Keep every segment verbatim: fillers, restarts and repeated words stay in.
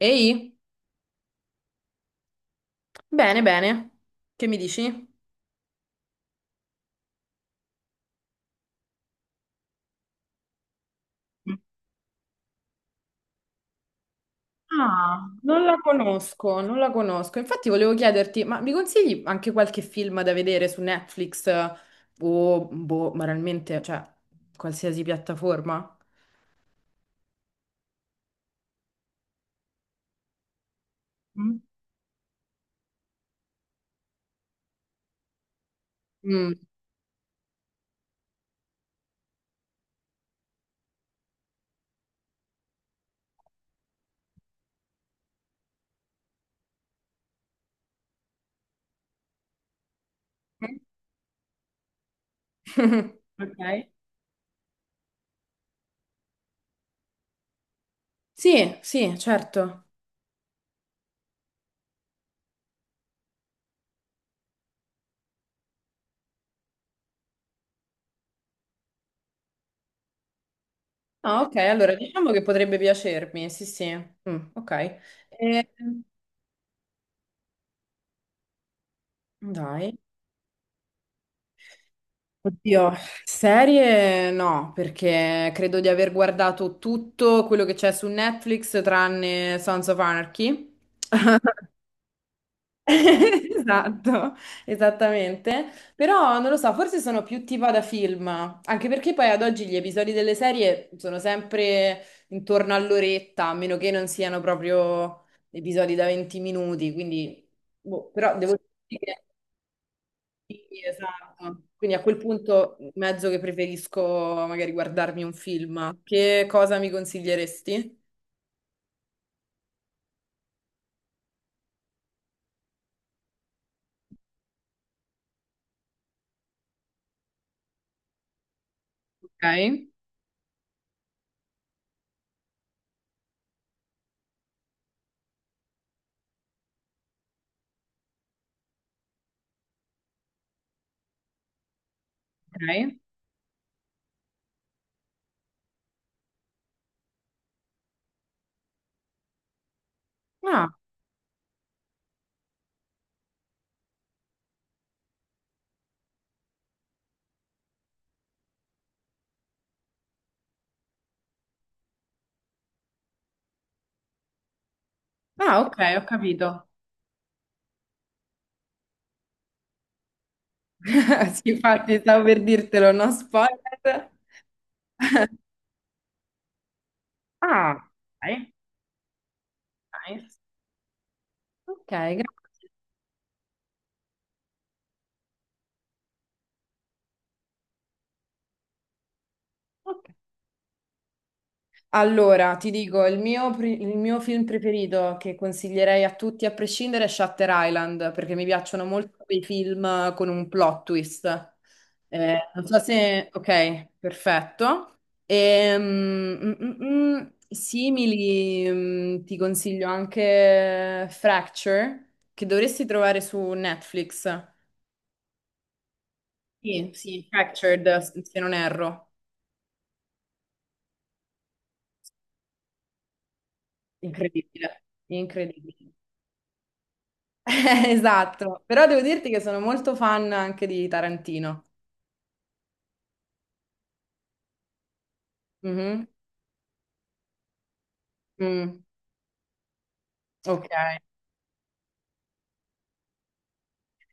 Ehi, bene, bene. Che mi dici? Ah, non la conosco, non la conosco. Infatti volevo chiederti, ma mi consigli anche qualche film da vedere su Netflix, eh, o, boh, banalmente, cioè, qualsiasi piattaforma? mm, Mm. ok. Sì, sì, certo. Ah, ok, allora diciamo che potrebbe piacermi, sì, sì. Mm, ok. Eh, dai. Oddio, serie no, perché credo di aver guardato tutto quello che c'è su Netflix tranne Sons of Anarchy. Esatto, esattamente. Però non lo so, forse sono più tipo da film, anche perché poi ad oggi gli episodi delle serie sono sempre intorno all'oretta, a meno che non siano proprio episodi da venti minuti, quindi boh, però devo dire sì, esatto. Quindi a quel punto mezzo che preferisco magari guardarmi un film. Che cosa mi consiglieresti? Ok, ok. Ah, ah, ok, ho capito. Sì, infatti stavo per dirtelo, no spoiler. Ah, ok, nice. Ok, grazie. Ok. Allora, ti dico, il mio, pri- il mio film preferito che consiglierei a tutti a prescindere è Shutter Island, perché mi piacciono molto quei film con un plot twist. Eh, non so se. Ok, perfetto. Ehm, mm, mm, mm, simili, mm, ti consiglio anche Fracture, che dovresti trovare su Netflix. Sì, sì. Fractured, se non erro. Incredibile, incredibile. Eh, Esatto, però devo dirti che sono molto fan anche di Tarantino. Mhm. Mm. Ok.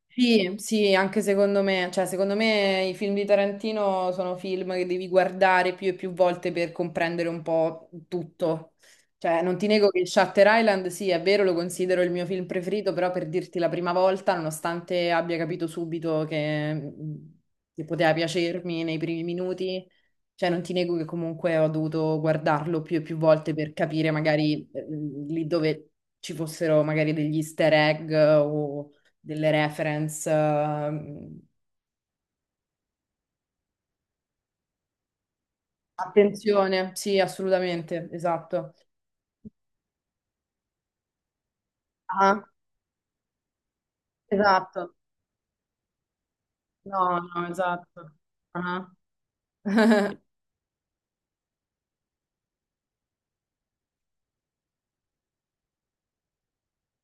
Sì, sì, anche secondo me, cioè secondo me i film di Tarantino sono film che devi guardare più e più volte per comprendere un po' tutto. Cioè, non ti nego che Shutter Island, sì, è vero, lo considero il mio film preferito, però per dirti la prima volta, nonostante abbia capito subito che, che poteva piacermi nei primi minuti, cioè non ti nego che comunque ho dovuto guardarlo più e più volte per capire magari eh, lì dove ci fossero magari degli easter egg o delle reference. ehm, Attenzione, sì, assolutamente, esatto. Ah, esatto. No, no, esatto. Ah,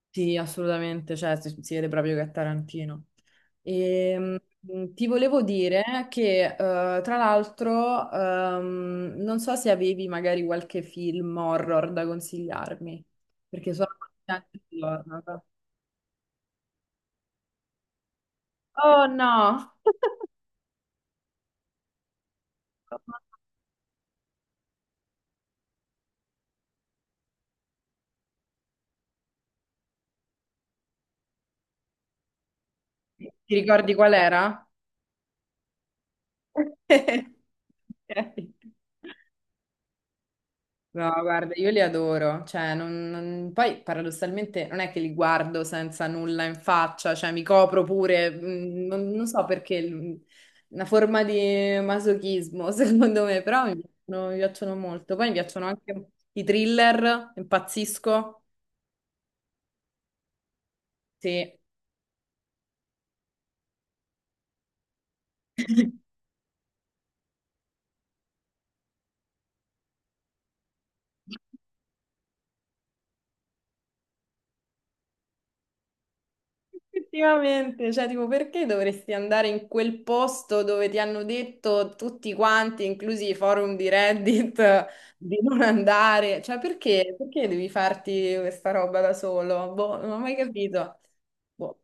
sì, assolutamente, cioè si, si vede proprio che è Tarantino. E, mh, ti volevo dire che, eh, tra l'altro, ehm, non so se avevi magari qualche film horror da consigliarmi, perché sono contenta di horror. Oh no! Ti ricordi qual era? Ok. No, guarda, io li adoro, cioè, non- non- poi paradossalmente non è che li guardo senza nulla in faccia, cioè mi copro pure, mm, non, non so perché, mm, una forma di masochismo secondo me, però mi piacciono, mi piacciono molto. Poi mi piacciono anche i thriller, impazzisco, sì. Effettivamente, cioè, tipo, perché dovresti andare in quel posto dove ti hanno detto tutti quanti, inclusi i forum di Reddit, di non andare? Cioè, perché? Perché devi farti questa roba da solo? Boh, non ho mai capito. Boh.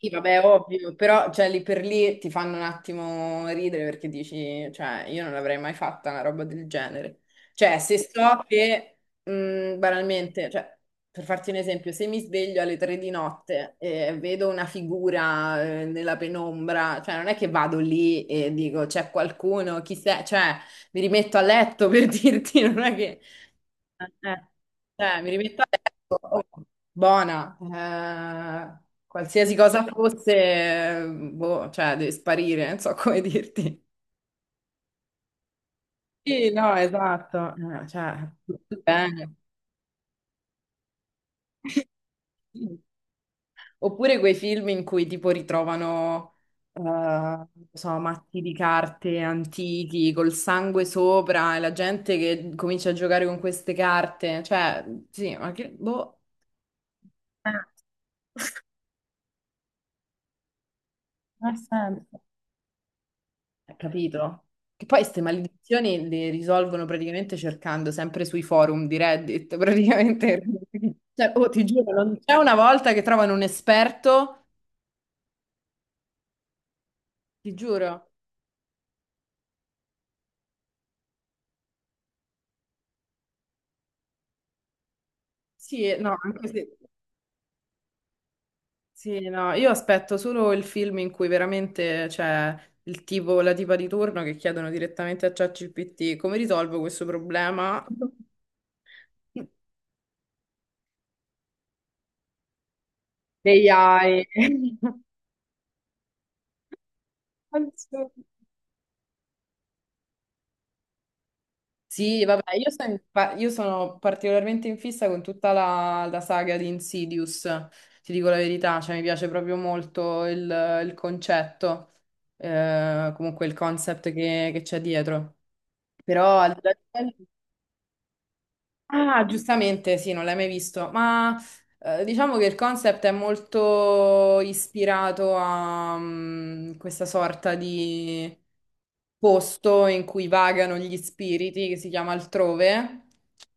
Sì, vabbè, ovvio, però cioè, lì per lì ti fanno un attimo ridere perché dici, cioè, io non l'avrei mai fatta una roba del genere. Cioè, se so che, mh, banalmente, cioè, per farti un esempio, se mi sveglio alle tre di notte e vedo una figura, eh, nella penombra, cioè, non è che vado lì e dico, c'è qualcuno, chi sei? Cioè, mi rimetto a letto per dirti, non è che. Eh, cioè, mi rimetto adesso, oh, buona, eh, qualsiasi cosa fosse, eh, boh, cioè, deve sparire, non so come dirti. Sì, no, esatto, eh, cioè, tutto bene. Oppure quei film in cui tipo ritrovano, eh, non so, mazzi di carte antichi col sangue sopra e la gente che comincia a giocare con queste carte, cioè, sì, ma che, boh. Eh, non ha senso. Eh, capito? Che poi queste maledizioni le risolvono praticamente cercando sempre sui forum di Reddit, praticamente. Cioè, oh, ti giuro, non c'è una volta che trovano un esperto, ti giuro. Sì, no, anche se. Sì, no, io aspetto solo il film in cui veramente c'è il tipo, la tipa di turno che chiedono direttamente a ChatGPT come risolvo questo problema degli A I. Sì, vabbè, io, sto in pa- io sono particolarmente in fissa con tutta la, la saga di Insidious, ti dico la verità, cioè mi piace proprio molto il, il, concetto, eh, comunque il concept che che c'è dietro. Però al di là di quello- Ah, giustamente, sì, non l'hai mai visto, ma eh, diciamo che il concept è molto ispirato a mm, questa sorta di posto in cui vagano gli spiriti, che si chiama altrove.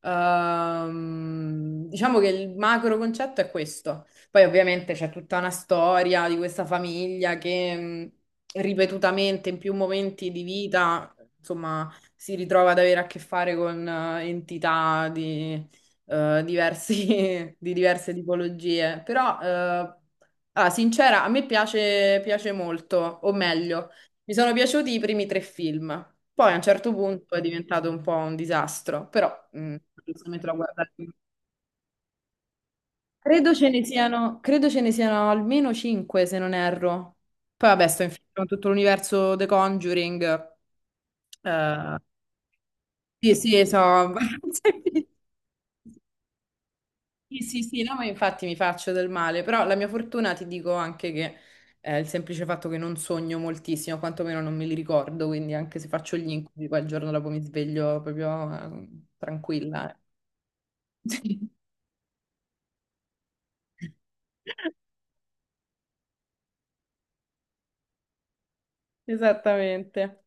Ehm, diciamo che il macro concetto è questo. Poi ovviamente c'è tutta una storia di questa famiglia che mm, ripetutamente in più momenti di vita, insomma si ritrova ad avere a che fare con eh, entità di, eh, diversi- di diverse tipologie. Però, eh, ah, sincera, a me piace, piace molto, o meglio, mi sono piaciuti i primi tre film. Poi a un certo punto è diventato un po' un disastro, però mm, se metto a guardare. Credo ce ne siano, credo ce ne siano almeno cinque, se non erro. Poi vabbè, sto in fissa con tutto l'universo The Conjuring. Eh, sì, sì, so. Sì, sì, sì, no, ma infatti mi faccio del male, però la mia fortuna ti dico anche che eh, il semplice fatto che non sogno moltissimo, quantomeno non me li ricordo, quindi anche se faccio gli incubi, poi il giorno dopo mi sveglio proprio eh, tranquilla. eh. Sì. Esattamente.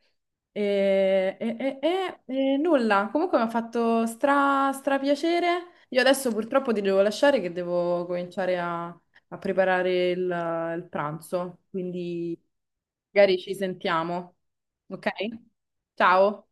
E, e- e- e- e nulla, comunque mi ha fatto stra, stra piacere. Io adesso purtroppo ti devo lasciare che devo cominciare a, a preparare il, il, pranzo, quindi magari ci sentiamo. Ok? Ciao.